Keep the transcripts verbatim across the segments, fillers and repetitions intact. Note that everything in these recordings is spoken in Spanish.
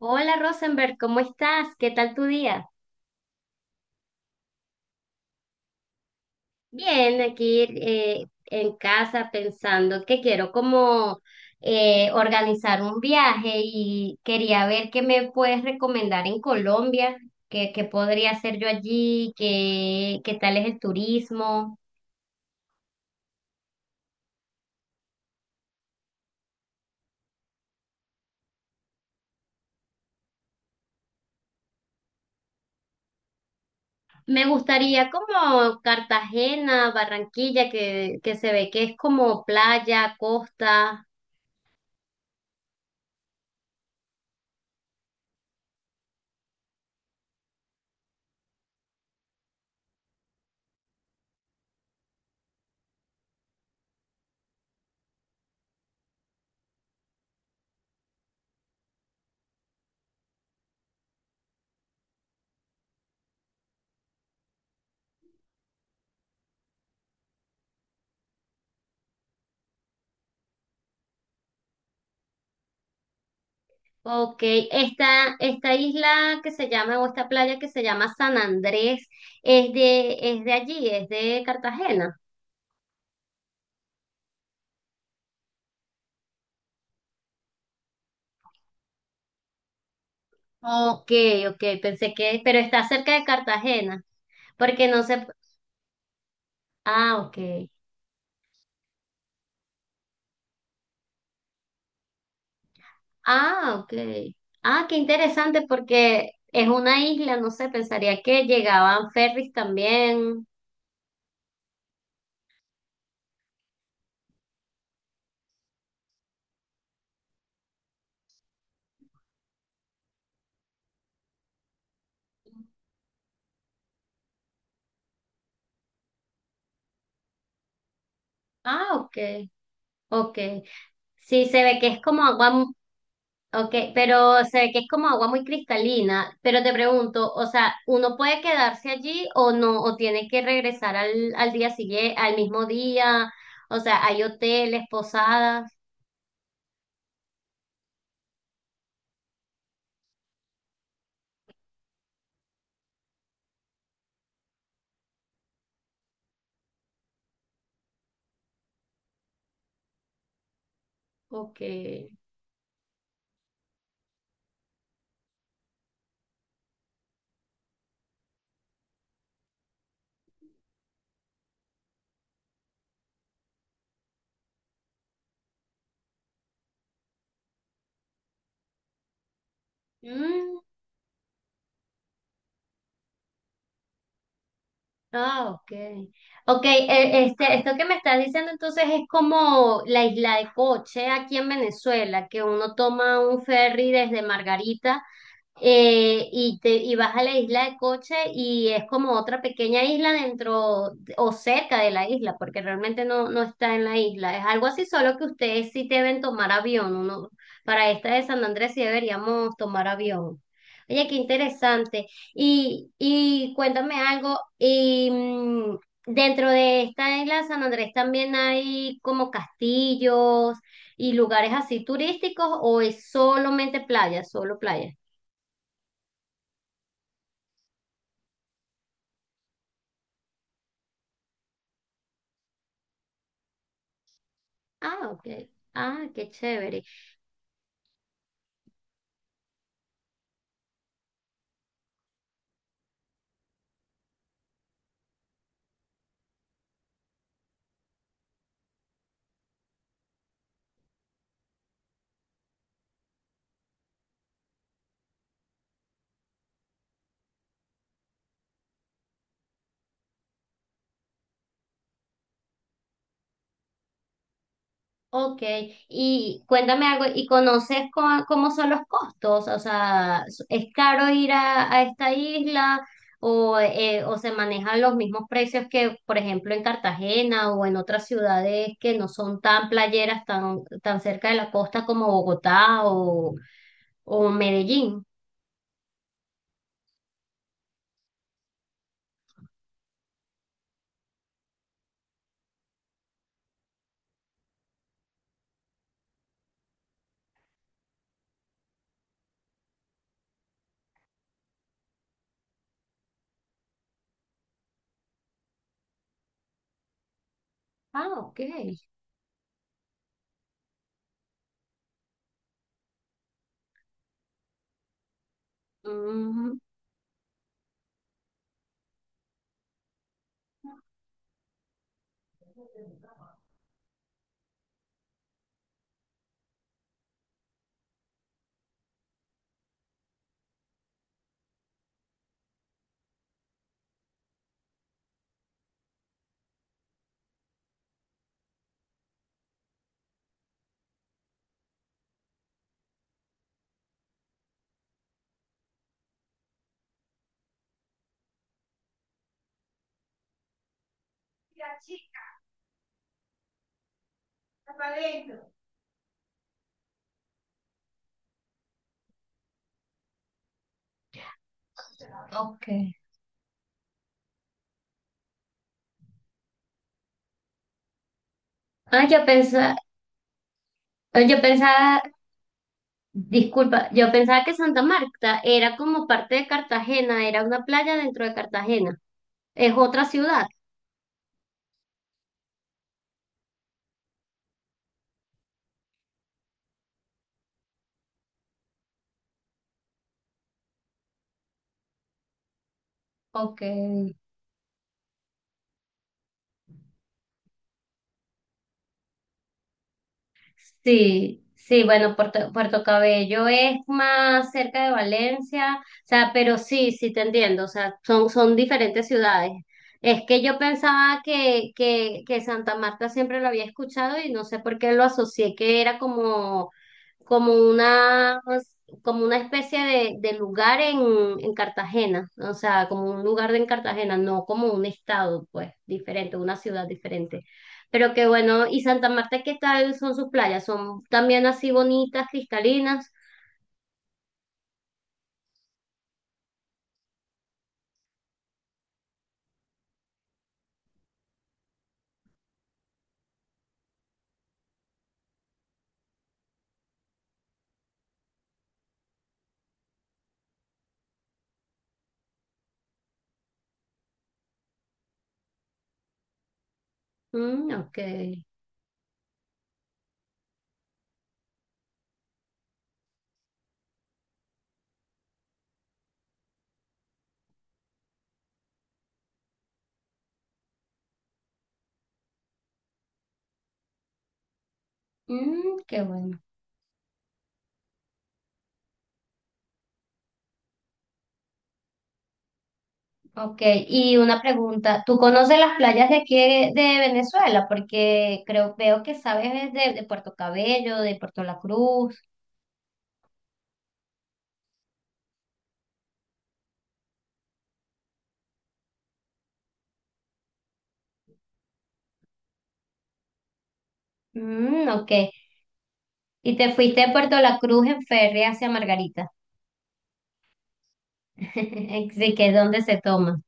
Hola Rosenberg, ¿cómo estás? ¿Qué tal tu día? Bien, aquí eh, en casa pensando que quiero como eh, organizar un viaje y quería ver qué me puedes recomendar en Colombia, qué, qué podría hacer yo allí, qué, qué tal es el turismo. Me gustaría como Cartagena, Barranquilla, que, que se ve que es como playa, costa. Ok, esta, esta isla que se llama, o esta playa que se llama San Andrés, es de, es de allí, es de Cartagena. Ok, ok, pensé que, pero está cerca de Cartagena, porque no sé, ah, ok, ah, ok, ah, qué interesante, porque es una isla, no sé, pensaría que llegaban ferries también. Ah, ok, ok, sí, se ve que es como agua. Ok, pero sé que es como agua muy cristalina, pero te pregunto, o sea, ¿uno puede quedarse allí o no? ¿O tiene que regresar al, al día siguiente, al mismo día? O sea, ¿hay hoteles, posadas? Ok. Mm, ah, ok. Ok, eh, este, esto que me estás diciendo entonces es como la isla de Coche aquí en Venezuela, que uno toma un ferry desde Margarita eh, y, te, y vas a la isla de Coche y es como otra pequeña isla dentro de- o cerca de la isla, porque realmente no, no está en la isla. Es algo así, solo que ustedes sí deben tomar avión. Uno, para esta de San Andrés sí deberíamos tomar avión. Oye, qué interesante. Y, y cuéntame algo. Y mm, dentro de esta isla de San Andrés también hay como castillos y lugares así turísticos, o es solamente playa, solo playa. Ah, ok. Ah, qué chévere. Ok, y cuéntame algo, ¿y conoces co- cómo son los costos? O sea, ¿es caro ir a, a esta isla o, eh, o se manejan los mismos precios que, por ejemplo, en Cartagena o en otras ciudades que no son tan playeras, tan, tan cerca de la costa como Bogotá o, o Medellín? Ah, ok. Mm, ok. Ah, yo pensaba, yo pensaba. Disculpa, yo pensaba que Santa Marta era como parte de Cartagena, era una playa dentro de Cartagena, es otra ciudad. Ok. Sí, sí, bueno, Puerto, Puerto Cabello es más cerca de Valencia, o sea, pero sí, sí te entiendo, o sea, son, son diferentes ciudades. Es que yo pensaba que, que, que Santa Marta siempre lo había escuchado y no sé por qué lo asocié, que era como como una, como una especie de, de lugar en, en Cartagena, o sea, como un lugar de en Cartagena, no como un estado, pues, diferente, una ciudad diferente. Pero que bueno, ¿y Santa Marta qué tal son sus playas? ¿Son también así bonitas, cristalinas? Mm, ok. Mm, qué bueno. Ok, y una pregunta, ¿tú conoces las playas de aquí de de Venezuela? Porque creo, veo que sabes de, de Puerto Cabello, de Puerto La Cruz. Mm, ok. Y te fuiste de Puerto La Cruz en ferry hacia Margarita. Así que es donde se toma.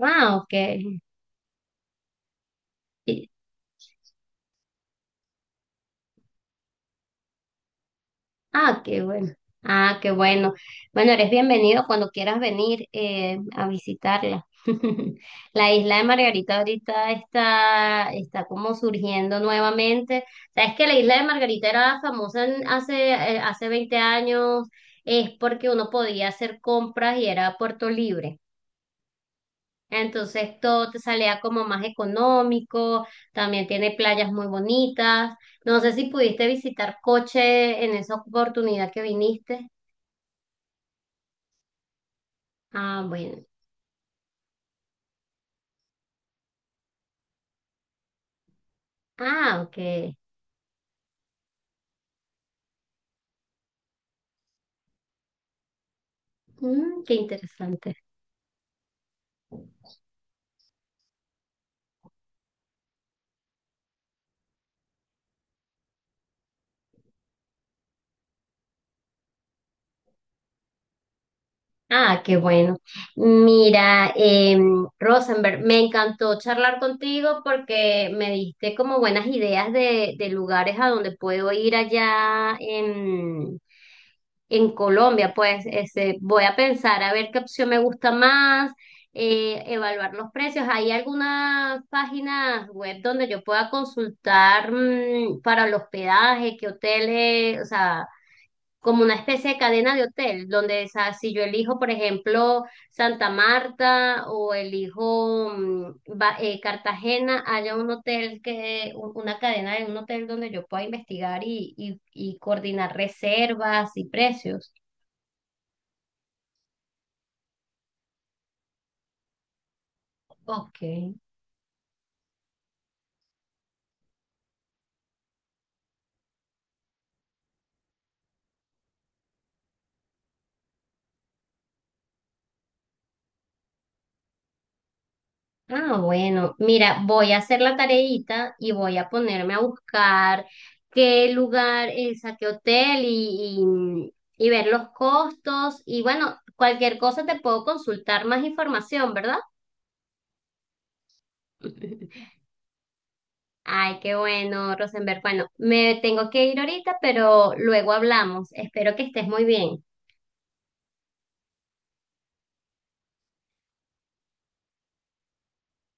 Ah, ok. Y- ah, qué bueno. Ah, qué bueno. Bueno, eres bienvenido cuando quieras venir eh, a visitarla. La isla de Margarita ahorita está, está como surgiendo nuevamente. Sabes que la isla de Margarita era famosa en- hace, eh, hace veinte años, es porque uno podía hacer compras y era puerto libre. Entonces todo te salía como más económico, también tiene playas muy bonitas. No sé si pudiste visitar Coche en esa oportunidad que viniste. Ah, bueno. Ah, ok. Mm, qué interesante. Ah, qué bueno. Mira, em, Rosenberg, me encantó charlar contigo porque me diste como buenas ideas de, de lugares a donde puedo ir allá en Colombia, pues este, voy a pensar a ver qué opción me gusta más, eh, evaluar los precios. ¿Hay algunas páginas web donde yo pueda consultar mm, para el hospedaje, qué hoteles, o sea, como una especie de cadena de hotel, donde o sea, si yo elijo, por ejemplo, Santa Marta o elijo mm, Ba- eh, Cartagena, haya un hotel que, un- una cadena de un hotel donde yo pueda investigar y, y y coordinar reservas y precios. Ok. Ah, bueno, mira, voy a hacer la tareita y voy a ponerme a buscar qué lugar, es a qué hotel y, y, y ver los costos. Y bueno, cualquier cosa te puedo consultar más información, ¿verdad? Ay, qué bueno, Rosenberg. Bueno, me tengo que ir ahorita, pero luego hablamos. Espero que estés muy bien.